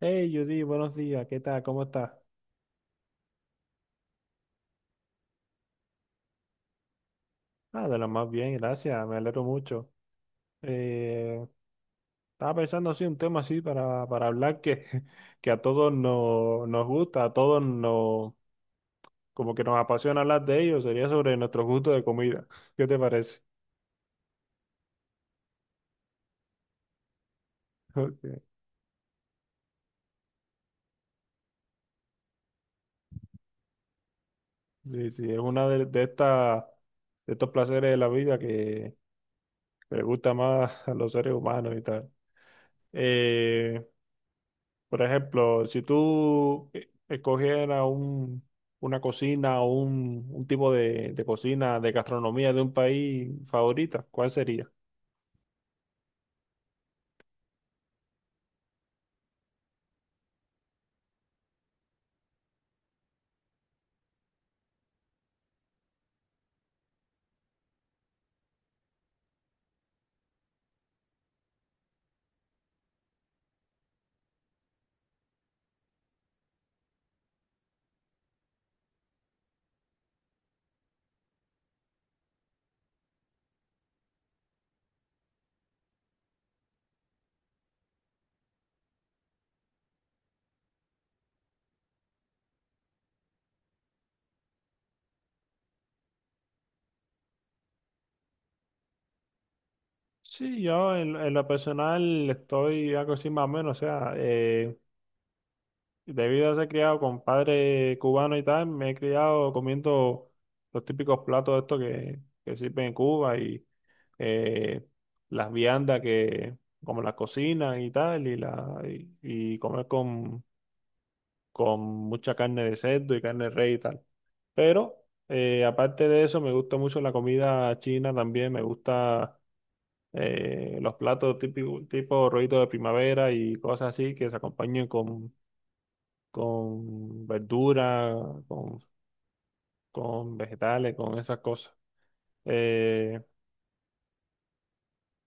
Hey Judy, buenos días, ¿qué tal? ¿Cómo estás? Ah, de lo más bien, gracias, me alegro mucho. Eh, estaba pensando así un tema así para hablar que que a todos nos gusta, a todos nos como que nos apasiona hablar de ello, sería sobre nuestros gustos de comida. ¿Qué te parece? Ok. Sí, sí, es una de estas de estos placeres de la vida que le gusta más a los seres humanos y tal. Eh, Por ejemplo, si tú una cocina o un tipo de cocina, de gastronomía de un país favorita, ¿cuál sería? Sí, yo en lo personal estoy algo así más o menos, o sea, debido a ser criado con padre cubano y tal, me he criado comiendo los típicos platos estos que sirven en Cuba y eh, las viandas que como las cocinan y tal, y comer con mucha carne de cerdo y carne de res y tal. Pero aparte de eso, me gusta mucho la comida china también, me gusta tipo rollito de primavera y cosas así que se acompañen con verdura, con, con vegetales, con esas cosas. Eh,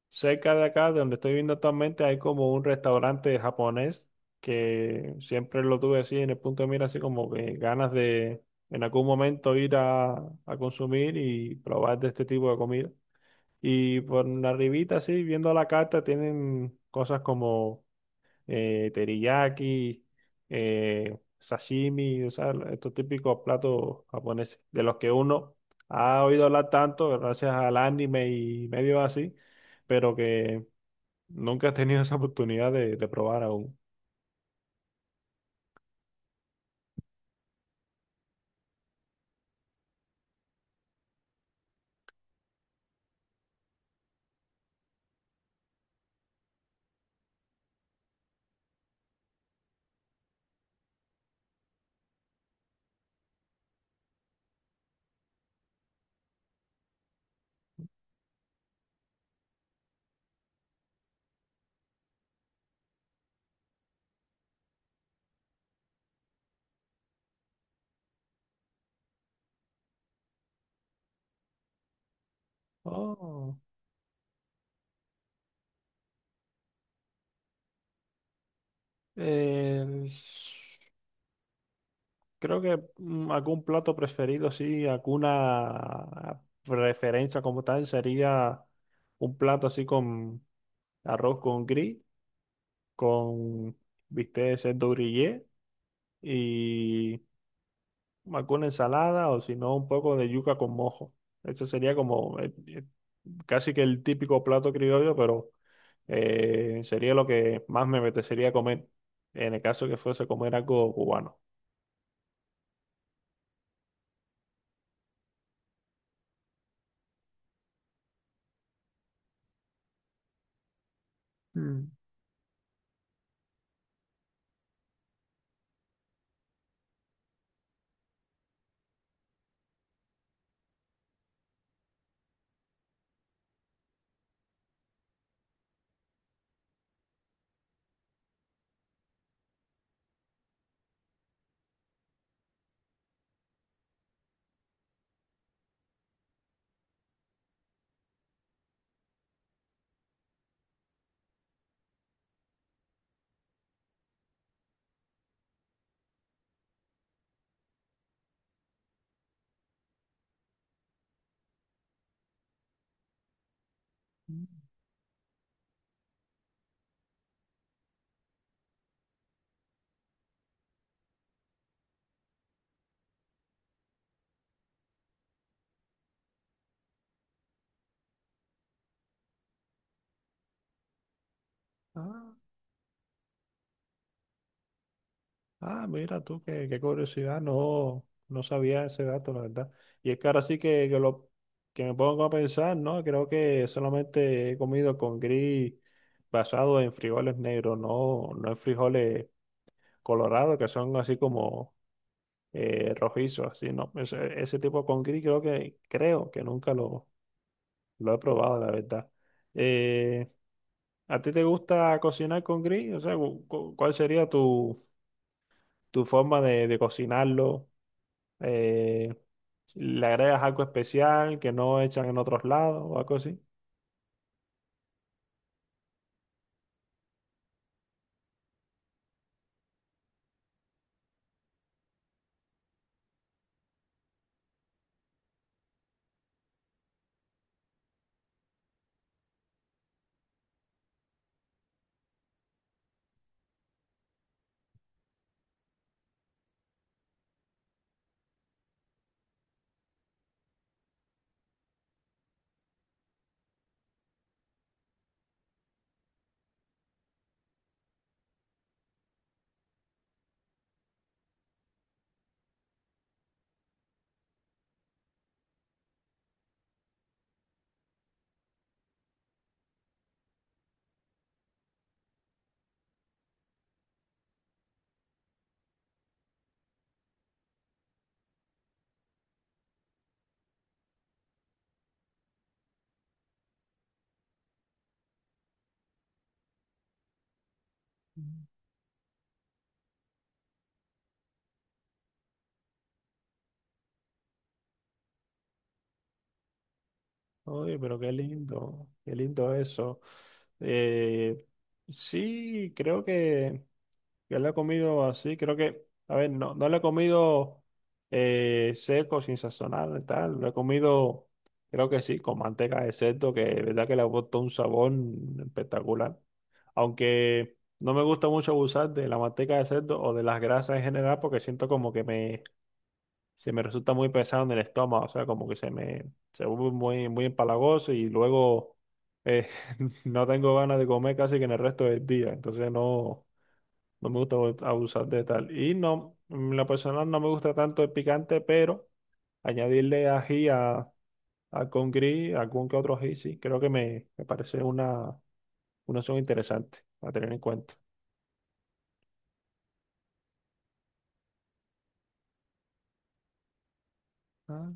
Cerca de acá, de donde estoy viendo actualmente, hay como un restaurante japonés que siempre lo tuve así en el punto de mira, así como que ganas de en algún momento ir a consumir y probar de este tipo de comida. Y por la arribita, así, viendo la carta, tienen cosas como teriyaki, sashimi, o sea, estos típicos platos japoneses, de los que uno ha oído hablar tanto gracias al anime y medio así pero que nunca has tenido esa oportunidad de probar aún. Oh, eh, s- creo que algún plato preferido, sí, alguna preferencia como tal sería un plato así con arroz con gris, con bistec de cerdo grillé y alguna ensalada o si no un poco de yuca con mojo. Eso sería como casi que el típico plato criollo, pero sería lo que más me apetecería comer en el caso que fuese comer algo cubano. Mm. Ah, ah, mira tú, qué curiosidad, no, no sabía ese dato, la verdad. Y es que ahora sí que me pongo a pensar, ¿no? Creo que solamente he comido con gris basado en frijoles negros, no en frijoles colorados, que son así como rojizos, así, ¿no? Ese tipo con gris creo que nunca lo lo he probado, la verdad. Eh, ¿A ti te gusta cocinar con grill? O sea, ¿cuál sería tu forma de cocinarlo? Eh, ¿Le agregas algo especial que no echan en otros lados o algo así? Oye, pero qué lindo eso. Eh, sí, creo que... Yo lo he comido así, creo que, a ver, no lo he comido seco, sin sazonar y tal. Lo he comido, creo que sí, con manteca de cerdo, que de verdad que le aporta un sabor espectacular. Aunque no me gusta mucho abusar de la manteca de cerdo o de las grasas en general, porque siento como que se me resulta muy pesado en el estómago, o sea, como que se vuelve muy empalagoso y luego eh, no tengo ganas de comer casi que en el resto del día. Entonces no. No me gusta abusar de tal. Y no, en lo personal no me gusta tanto el picante, pero añadirle ají a con gris, algún que otro ají, sí, creo que me parece una opción interesante a tener en cuenta. Ah,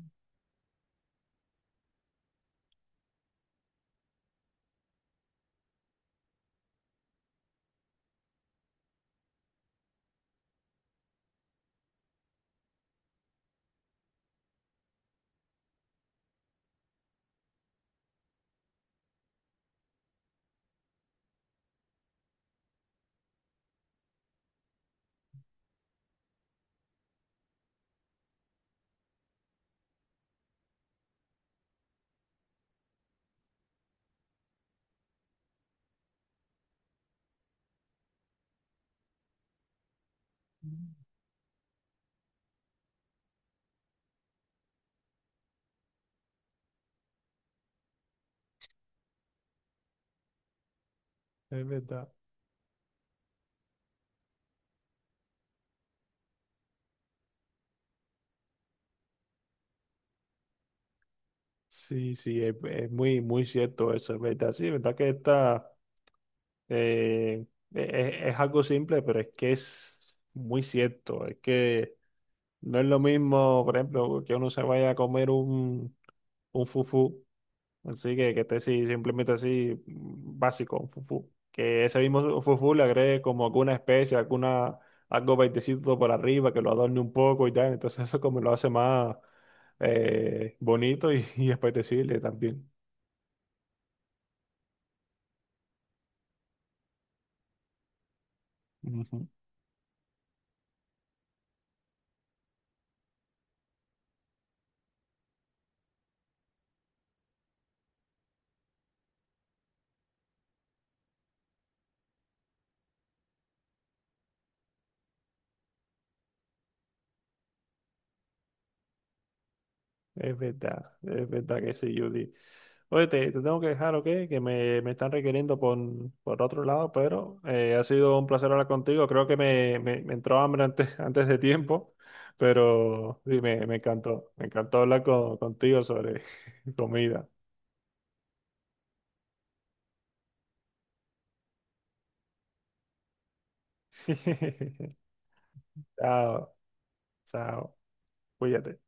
es verdad. Sí, sí, es muy, muy cierto eso, es verdad. Sí, es verdad que esta eh, es algo simple, pero es que es muy cierto. Es que no es lo mismo, por ejemplo, que uno se vaya a comer un fufú así que esté así, simplemente así, mm, básico, fufu. Que ese mismo fufu le agregue como alguna especie, alguna, algo baitecito por arriba, que lo adorne un poco y tal. Entonces eso como lo hace más bonito y y apetecible también. Es verdad que sí, Judy. Oye, te tengo que dejar, ¿ok? Que me están requiriendo por otro lado, pero ha sido un placer hablar contigo. Creo que me entró hambre antes, antes de tiempo, pero sí, me encantó. Me encantó hablar contigo sobre comida. Chao, chao, cuídate.